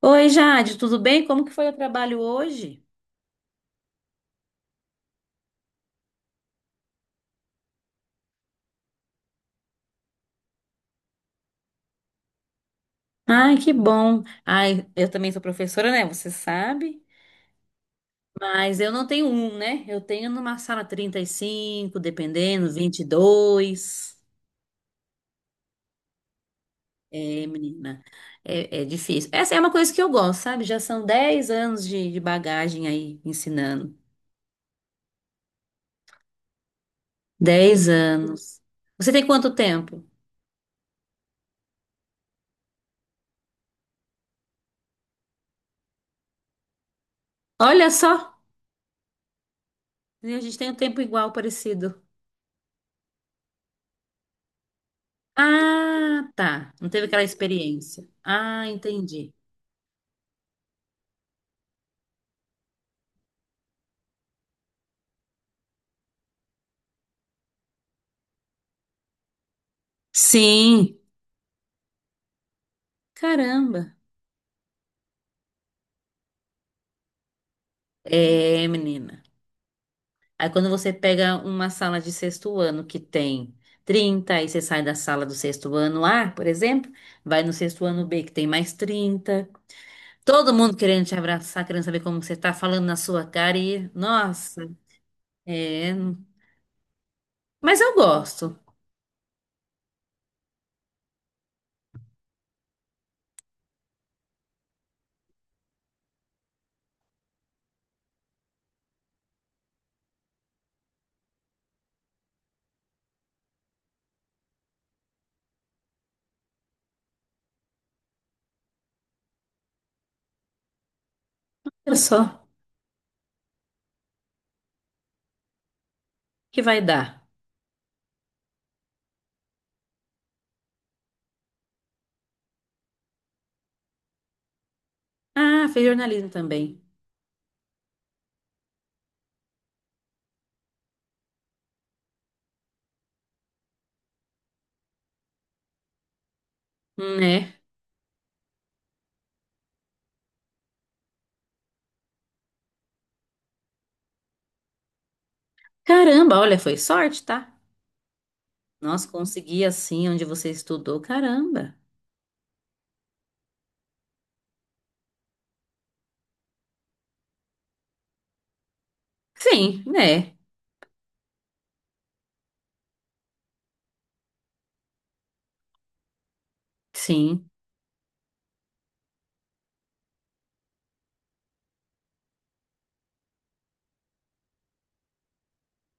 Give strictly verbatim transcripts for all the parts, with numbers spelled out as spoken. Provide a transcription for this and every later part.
Oi, Jade, tudo bem? Como que foi o trabalho hoje? Ai, que bom. Ai, eu também sou professora, né? Você sabe. Mas eu não tenho um, né? Eu tenho numa sala trinta e cinco, dependendo, vinte e dois. É, menina, é, é difícil. Essa é uma coisa que eu gosto, sabe? Já são dez anos de, de bagagem aí ensinando. Dez anos. Você tem quanto tempo? Olha só, a gente tem um tempo igual, parecido. Ah, tá. Não teve aquela experiência. Ah, entendi. Sim. Caramba. É, menina. Aí quando você pega uma sala de sexto ano que tem trinta, aí você sai da sala do sexto ano A, por exemplo, vai no sexto ano B que tem mais trinta. Todo mundo querendo te abraçar, querendo saber como você tá falando na sua cara e, nossa, é. Mas eu gosto. Olha só, que vai dar. Ah, fez jornalismo também. Né? Caramba, olha, foi sorte, tá? Nossa, consegui assim onde você estudou, caramba. Sim, né? Sim.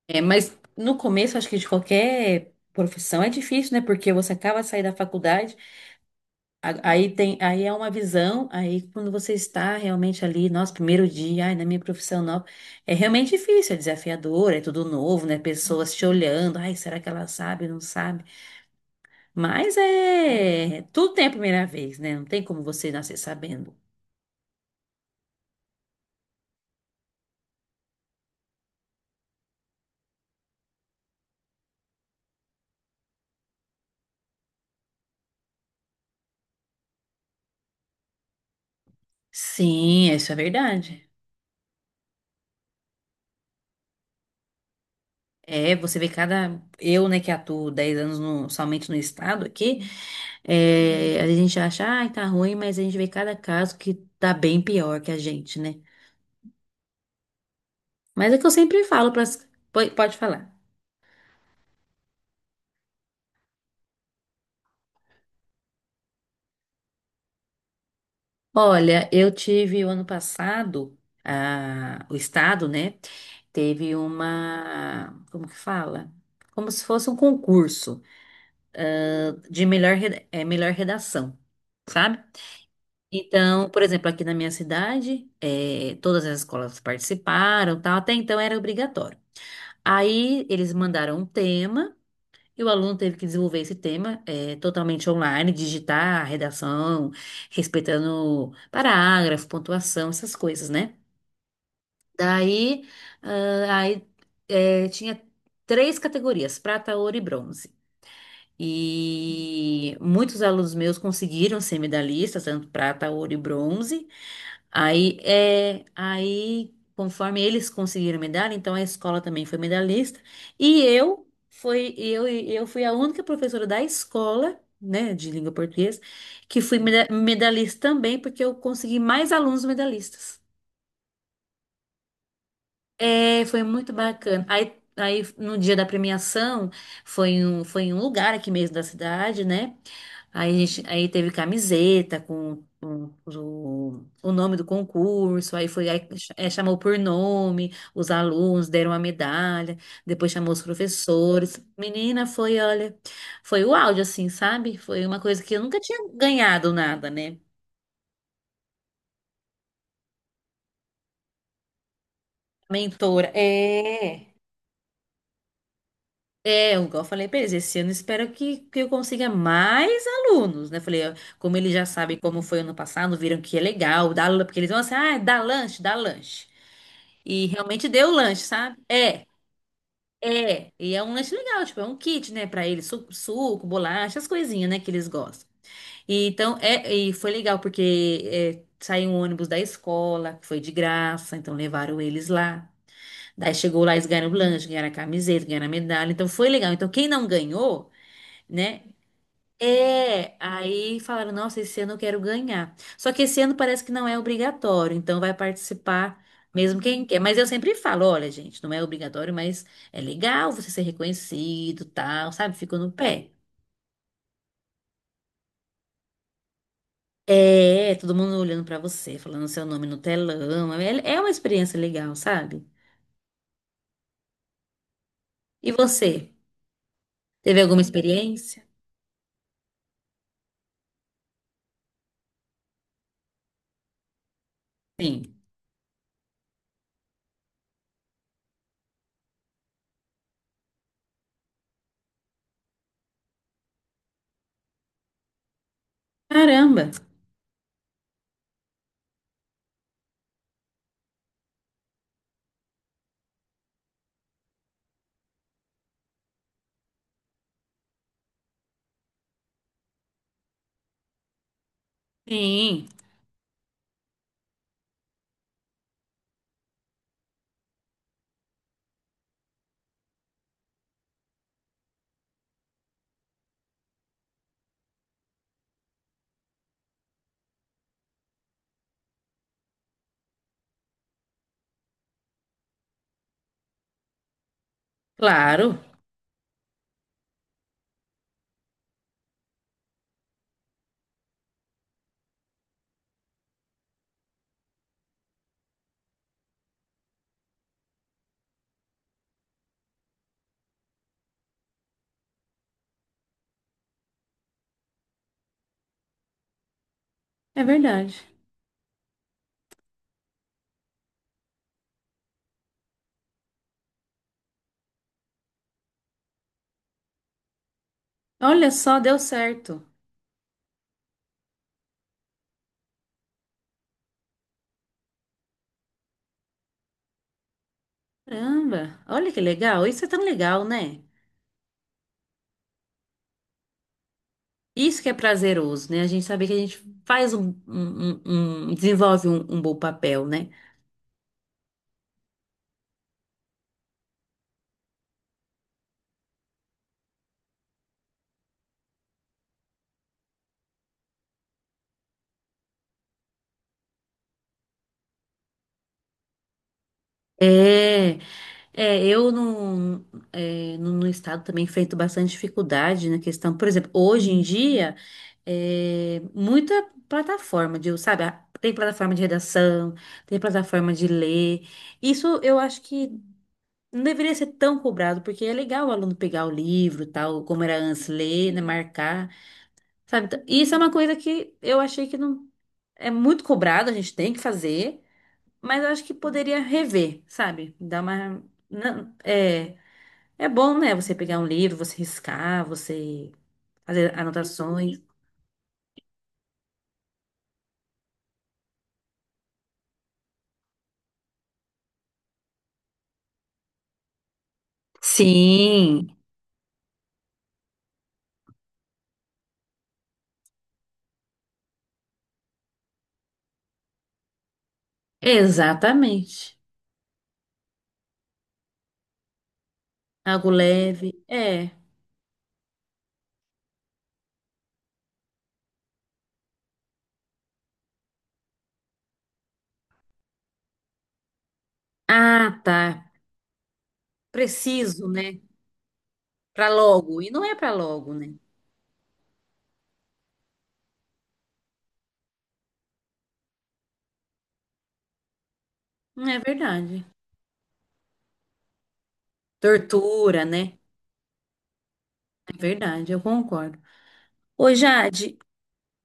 É, mas no começo, acho que de qualquer profissão é difícil, né? Porque você acaba de sair da faculdade, a- aí tem, aí é uma visão, aí quando você está realmente ali, nosso primeiro dia, ai, na minha profissão nova, é realmente difícil, é desafiador, é tudo novo, né? Pessoas te olhando, ai, será que ela sabe, não sabe? Mas é, tudo tem a primeira vez, né? Não tem como você nascer sabendo. Sim, isso é verdade. É, você vê cada. Eu, né, que atuo dez anos no- somente no estado aqui, é, a gente acha, ai, tá ruim, mas a gente vê cada caso que tá bem pior que a gente, né? Mas é que eu sempre falo para. Pode falar. Olha, eu tive o ano passado, a, o estado, né, teve uma. Como que fala? Como se fosse um concurso de melhor, reda- é, melhor redação, sabe? Então, por exemplo, aqui na minha cidade, eh, todas as escolas participaram, tal, até então era obrigatório. Aí eles mandaram um tema e o aluno teve que desenvolver esse tema, eh, totalmente online, digitar a redação, respeitando parágrafo, pontuação, essas coisas, né? Daí, ah, aí, eh, tinha três categorias, prata, ouro e bronze. E muitos alunos meus conseguiram ser medalhistas, tanto prata, ouro e bronze. Aí, é, aí, conforme eles conseguiram medalha, então a escola também foi medalhista. E eu fui, eu, eu fui a única professora da escola, né, de língua portuguesa, que fui meda- medalhista também, porque eu consegui mais alunos medalhistas. É, foi muito bacana. Aí, aí no dia da premiação, foi em um, foi em um lugar aqui mesmo da cidade, né? Aí, a gente, aí teve camiseta com, com o, o nome do concurso, aí foi, aí, ch- é, chamou por nome, os alunos deram a medalha, depois chamou os professores. Menina, foi, olha, foi o áudio, assim, sabe? Foi uma coisa que eu nunca tinha ganhado nada, né? Mentora, é. É, igual eu falei pra eles, esse ano espero que, que eu consiga mais alunos, né? Falei, ó, como eles já sabem como foi ano passado, viram que é legal, dá, lan- porque eles vão assim, ah, dá lanche, dá lanche. E realmente deu lanche, sabe? É, é. E é um lanche legal, tipo, é um kit, né, pra eles, su- suco, bolacha, as coisinhas, né, que eles gostam. E então, é, e foi legal, porque é, saiu um ônibus da escola, que foi de graça, então levaram eles lá. Daí chegou lá, eles ganharam o lanche, ganharam a camiseta, ganharam a medalha. Então foi legal. Então quem não ganhou, né? É, aí falaram, nossa, esse ano eu quero ganhar. Só que esse ano parece que não é obrigatório, então vai participar mesmo quem quer. Mas eu sempre falo, olha, gente, não é obrigatório, mas é legal você ser reconhecido, tal, sabe? Ficou no pé. É, todo mundo olhando pra você, falando seu nome no telão. É, é uma experiência legal, sabe? E você? Teve alguma experiência? Sim. Caramba. Sim. Claro, é verdade. Olha só, deu certo. Caramba, olha que legal. Isso é tão legal, né? Isso que é prazeroso, né? A gente saber que a gente faz um, um- um- um- desenvolve um, um bom papel, né? É, é eu no, é, no, no estado também enfrento bastante dificuldade na questão. Por exemplo, hoje em dia, é, muita plataforma de, sabe, a- tem plataforma de redação, tem plataforma de ler. Isso eu acho que não deveria ser tão cobrado, porque é legal o aluno pegar o livro, tal, como era antes, ler, né, marcar, sabe? Então, isso é uma coisa que eu achei que não é muito cobrado, a gente tem que fazer, mas eu acho que poderia rever, sabe? Dar uma. Não, é é bom, né, você pegar um livro, você riscar, você fazer anotações. Sim, exatamente. Algo leve. É. Ah, tá. Preciso, né? Pra logo. E não é pra logo, né? Não é verdade. Tortura, né? É verdade, eu concordo. Ô, Jade,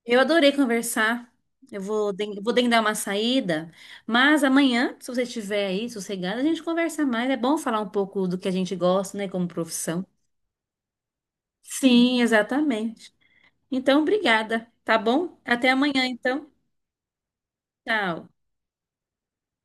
eu adorei conversar. Eu vou, den- vou dar uma saída, mas amanhã, se você estiver aí sossegada, a gente conversa mais. É bom falar um pouco do que a gente gosta, né, como profissão. Sim, exatamente. Então, obrigada, tá bom? Até amanhã, então. Tchau.